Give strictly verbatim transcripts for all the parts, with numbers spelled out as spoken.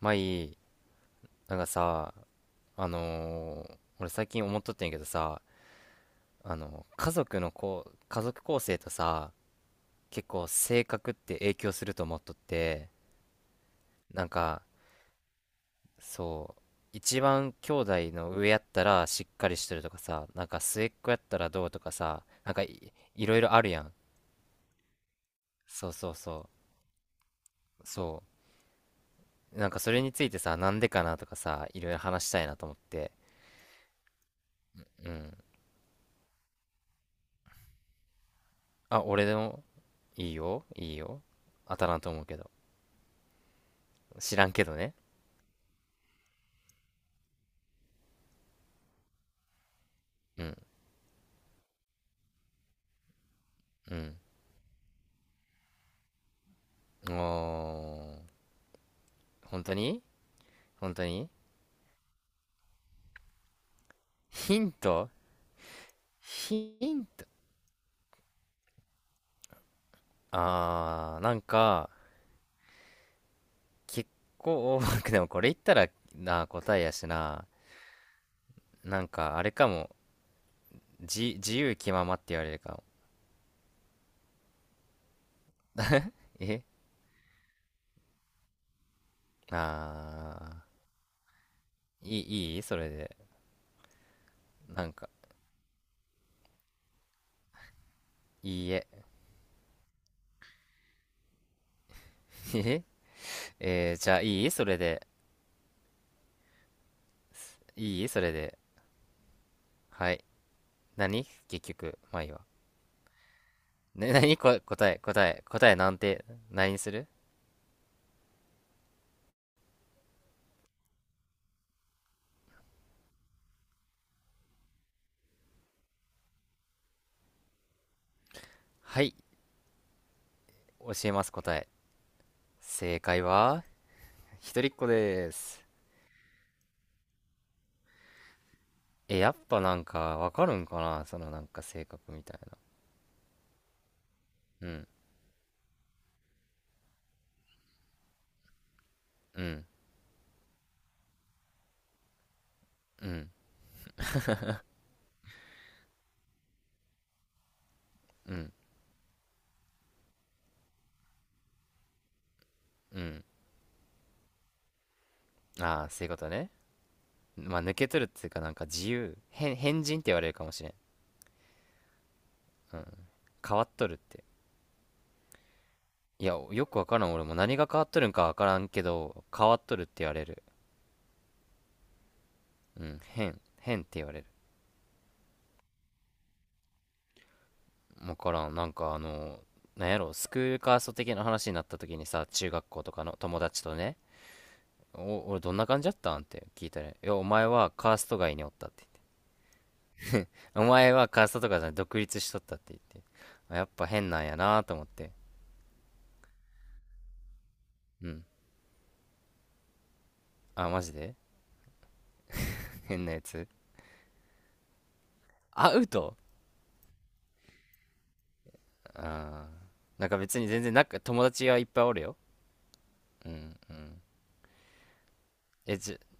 まあいい。なんかさ、あのー俺最近思っとってんやけどさ、あの家族のこう家族構成とさ、結構性格って影響すると思っとって、なんかそう、一番兄弟の上やったらしっかりしてるとかさ、なんか末っ子やったらどうとかさ、なんかい、いろいろあるやん。そうそうそうそう。なんかそれについてさ、なんでかなとかさ、いろいろ話したいなと思って。うん。あ、俺でも、いいよ、いいよ。当たらんと思うけど。知らんけどね。うん、うん。おー、本当に。本当に。ヒント。ヒント。あー、なんか、結構、でもこれ言ったらな、答えやしな。なんか、あれかも。じ、自由気ままって言われるかも。えあー、いい、いいそれで。なんか、いいえ。ええーじゃあいいそれで。いいそれで。はい。何結局、まあいいわ。ね、何こ答え、答え、答えなんて、何にする？はい、教えます答え。正解は、一人っ子です。え、やっぱなんか、わかるんかな、そのなんか性格みたいな。うん、うん、うん、うん、うん。ああ、そういうことね。まあ、抜けとるっていうか、なんか自由。変、変人って言われるかもしれん。うん。変わっとるって。いや、よくわからん。俺も何が変わっとるんかわからんけど、変わっとるって言われる。うん、変、変って言われる。分からん。なんか、あのなんやろ、スクールカースト的な話になった時にさ、中学校とかの友達とね、お俺どんな感じだったんって聞いたら、いやお前はカースト外におったって言って、お前はカーストとかじゃない独立しとったって言って、あやっぱ変なんやなと思って。うん。あマジで。 変なやつ。アウト。あーなんか別に全然なんか友達がいっぱいおるよ。うんうん。えじゃ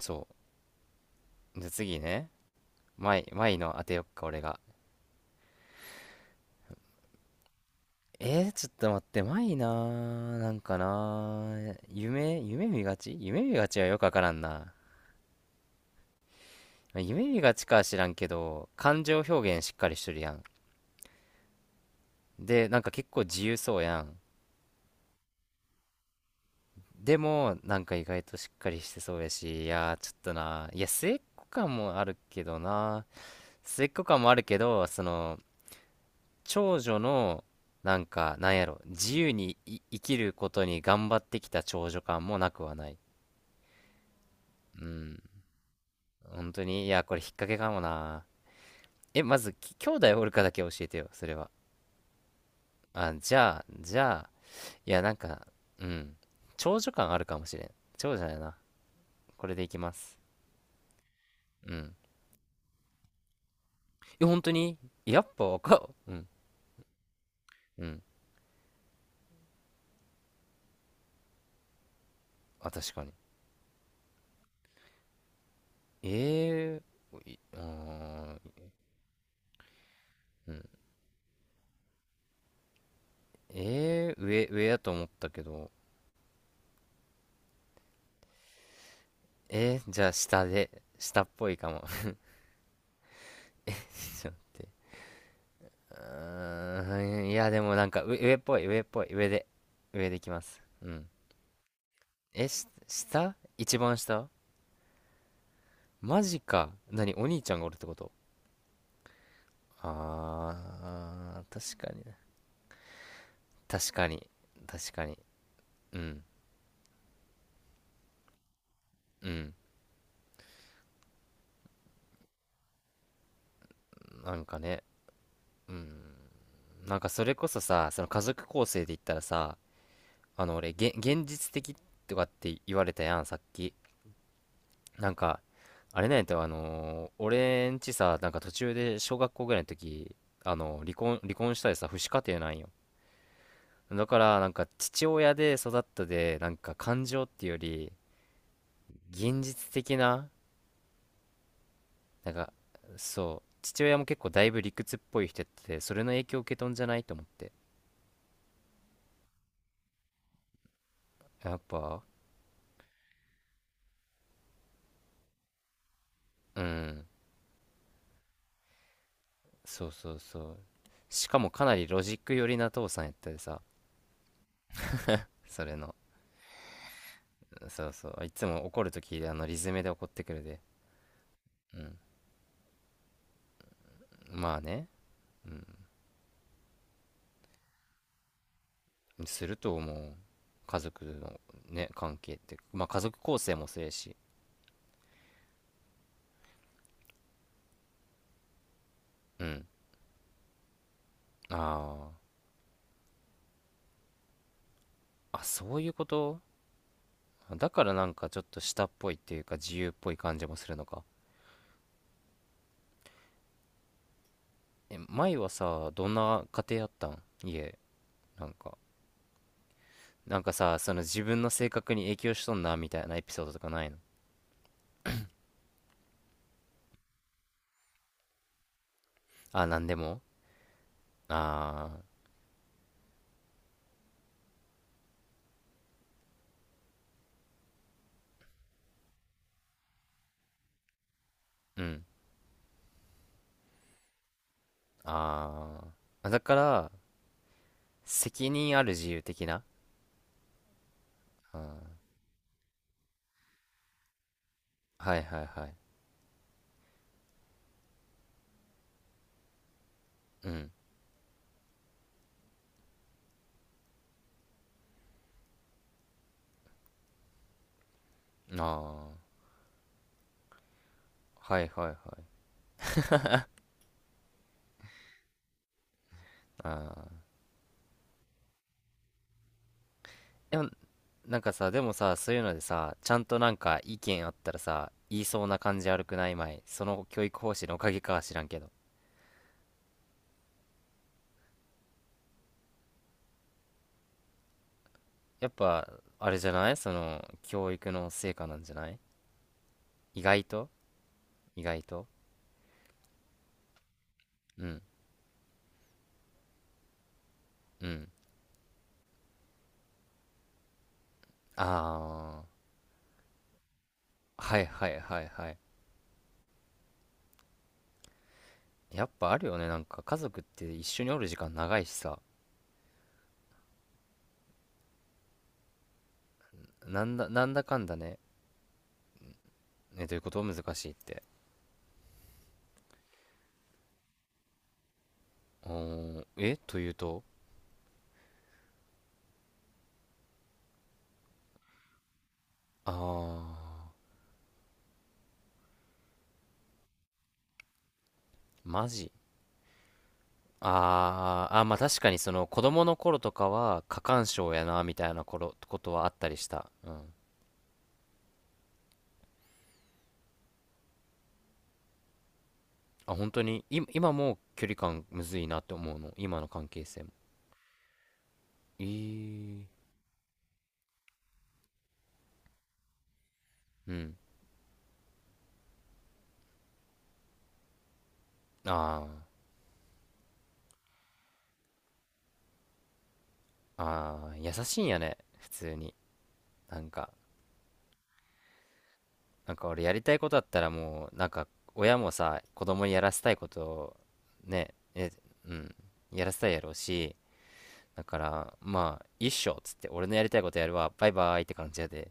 そう、じゃあ次ね、マイ、マイの当てよっか俺が。えー、ちょっと待って、マイなー、なんかなー、夢、夢見がち夢見がちはよくわからんな。夢見がちかは知らんけど、感情表現しっかりしとるやん。で、なんか結構自由そうやん。でも、なんか意外としっかりしてそうやし、いやー、ちょっとなー、いや、末っ子感もあるけどな、末っ子感もあるけど、その、長女の、なんか、なんやろ、自由にい生きることに頑張ってきた長女感もなくはない。うん。本当に。いや、これ引っ掛けかもな。え、まず、き兄弟おるかだけ教えてよ、それは。あ、じゃあ、じゃあ、いや、なんか、うん。長女感あるかもしれん。長女やな。これでいきます。うん。え、本当に。やっぱわかうん。うん。あ、確かに。えー、いあーうん。えー、上、上やと思ったけど。えー、じゃあ下で、下っぽいかも。うーん、いや、でもなんか上、上っぽい、上っぽい、上で、上でいきます。うん。え、し、下。一番下？マジか。何お兄ちゃんがおるってこと？あー、確かにね。確かに。確かに。うん。うん。なんかね。うん。なんかそれこそさ、その家族構成で言ったらさ、あの、俺、げ、現実的とかって言われたやん、さっき。なんか、あれなんやったよ、あのー俺んちさ、なんか途中で小学校ぐらいの時、あのー離婚、離婚したりさ、父子家庭なんよ。だからなんか父親で育ったで、なんか感情っていうより現実的な、なんか、そう父親も結構だいぶ理屈っぽい人やってて、それの影響を受けとんじゃないと思って。やっぱ。うん。そうそうそう。しかもかなりロジック寄りな父さんやったでさ、それのそうそういつも怒るときあのリズムで怒ってくるで。うん。まあね。すると思う、家族のね関係って。まあ家族構成もそうやし。うん。あああ、そういうこと。だからなんかちょっと下っぽいっていうか自由っぽい感じもするのか。え、前はさ、どんな家庭やったん家、なんか。なんかさ、その自分の性格に影響しとんなみたいなエピソードとかないの？あ、なんでも？ああー、うん。ああ。だから、責任ある自由的な。あーはいはいはい。うん。ああ。はいはいはい。ああ。でも、なんかさ、でもさ、そういうのでさ、ちゃんとなんか意見あったらさ、言いそうな感じ悪くない、まい？その教育方針のおかげかは知らんけど。やっぱ、あれじゃない？その、教育の成果なんじゃない？意外と。意外と。うん、うん。ああ、はいはいはいはい。やっぱあるよね、なんか家族って一緒におる時間長いしさ。なんだ、なんだかんだね。ね、どういうこと難しいって。おー、えというと？あー、マジ。あーあー、まあ確かにその子供の頃とかは過干渉やなみたいな頃ことはあったりした。うん。あ、本当に、い、今もう距離感むずいなって思うの。今の関係性も。えー、うん。ああ、ああ、優しいんやね。普通に。なんか、なんか俺やりたいことあったらもう、なんか親もさ、子供にやらせたいことをね、え、うん、やらせたいやろうし、だから、まあ、一緒っつって、俺のやりたいことやるわ、バイバイって感じやで。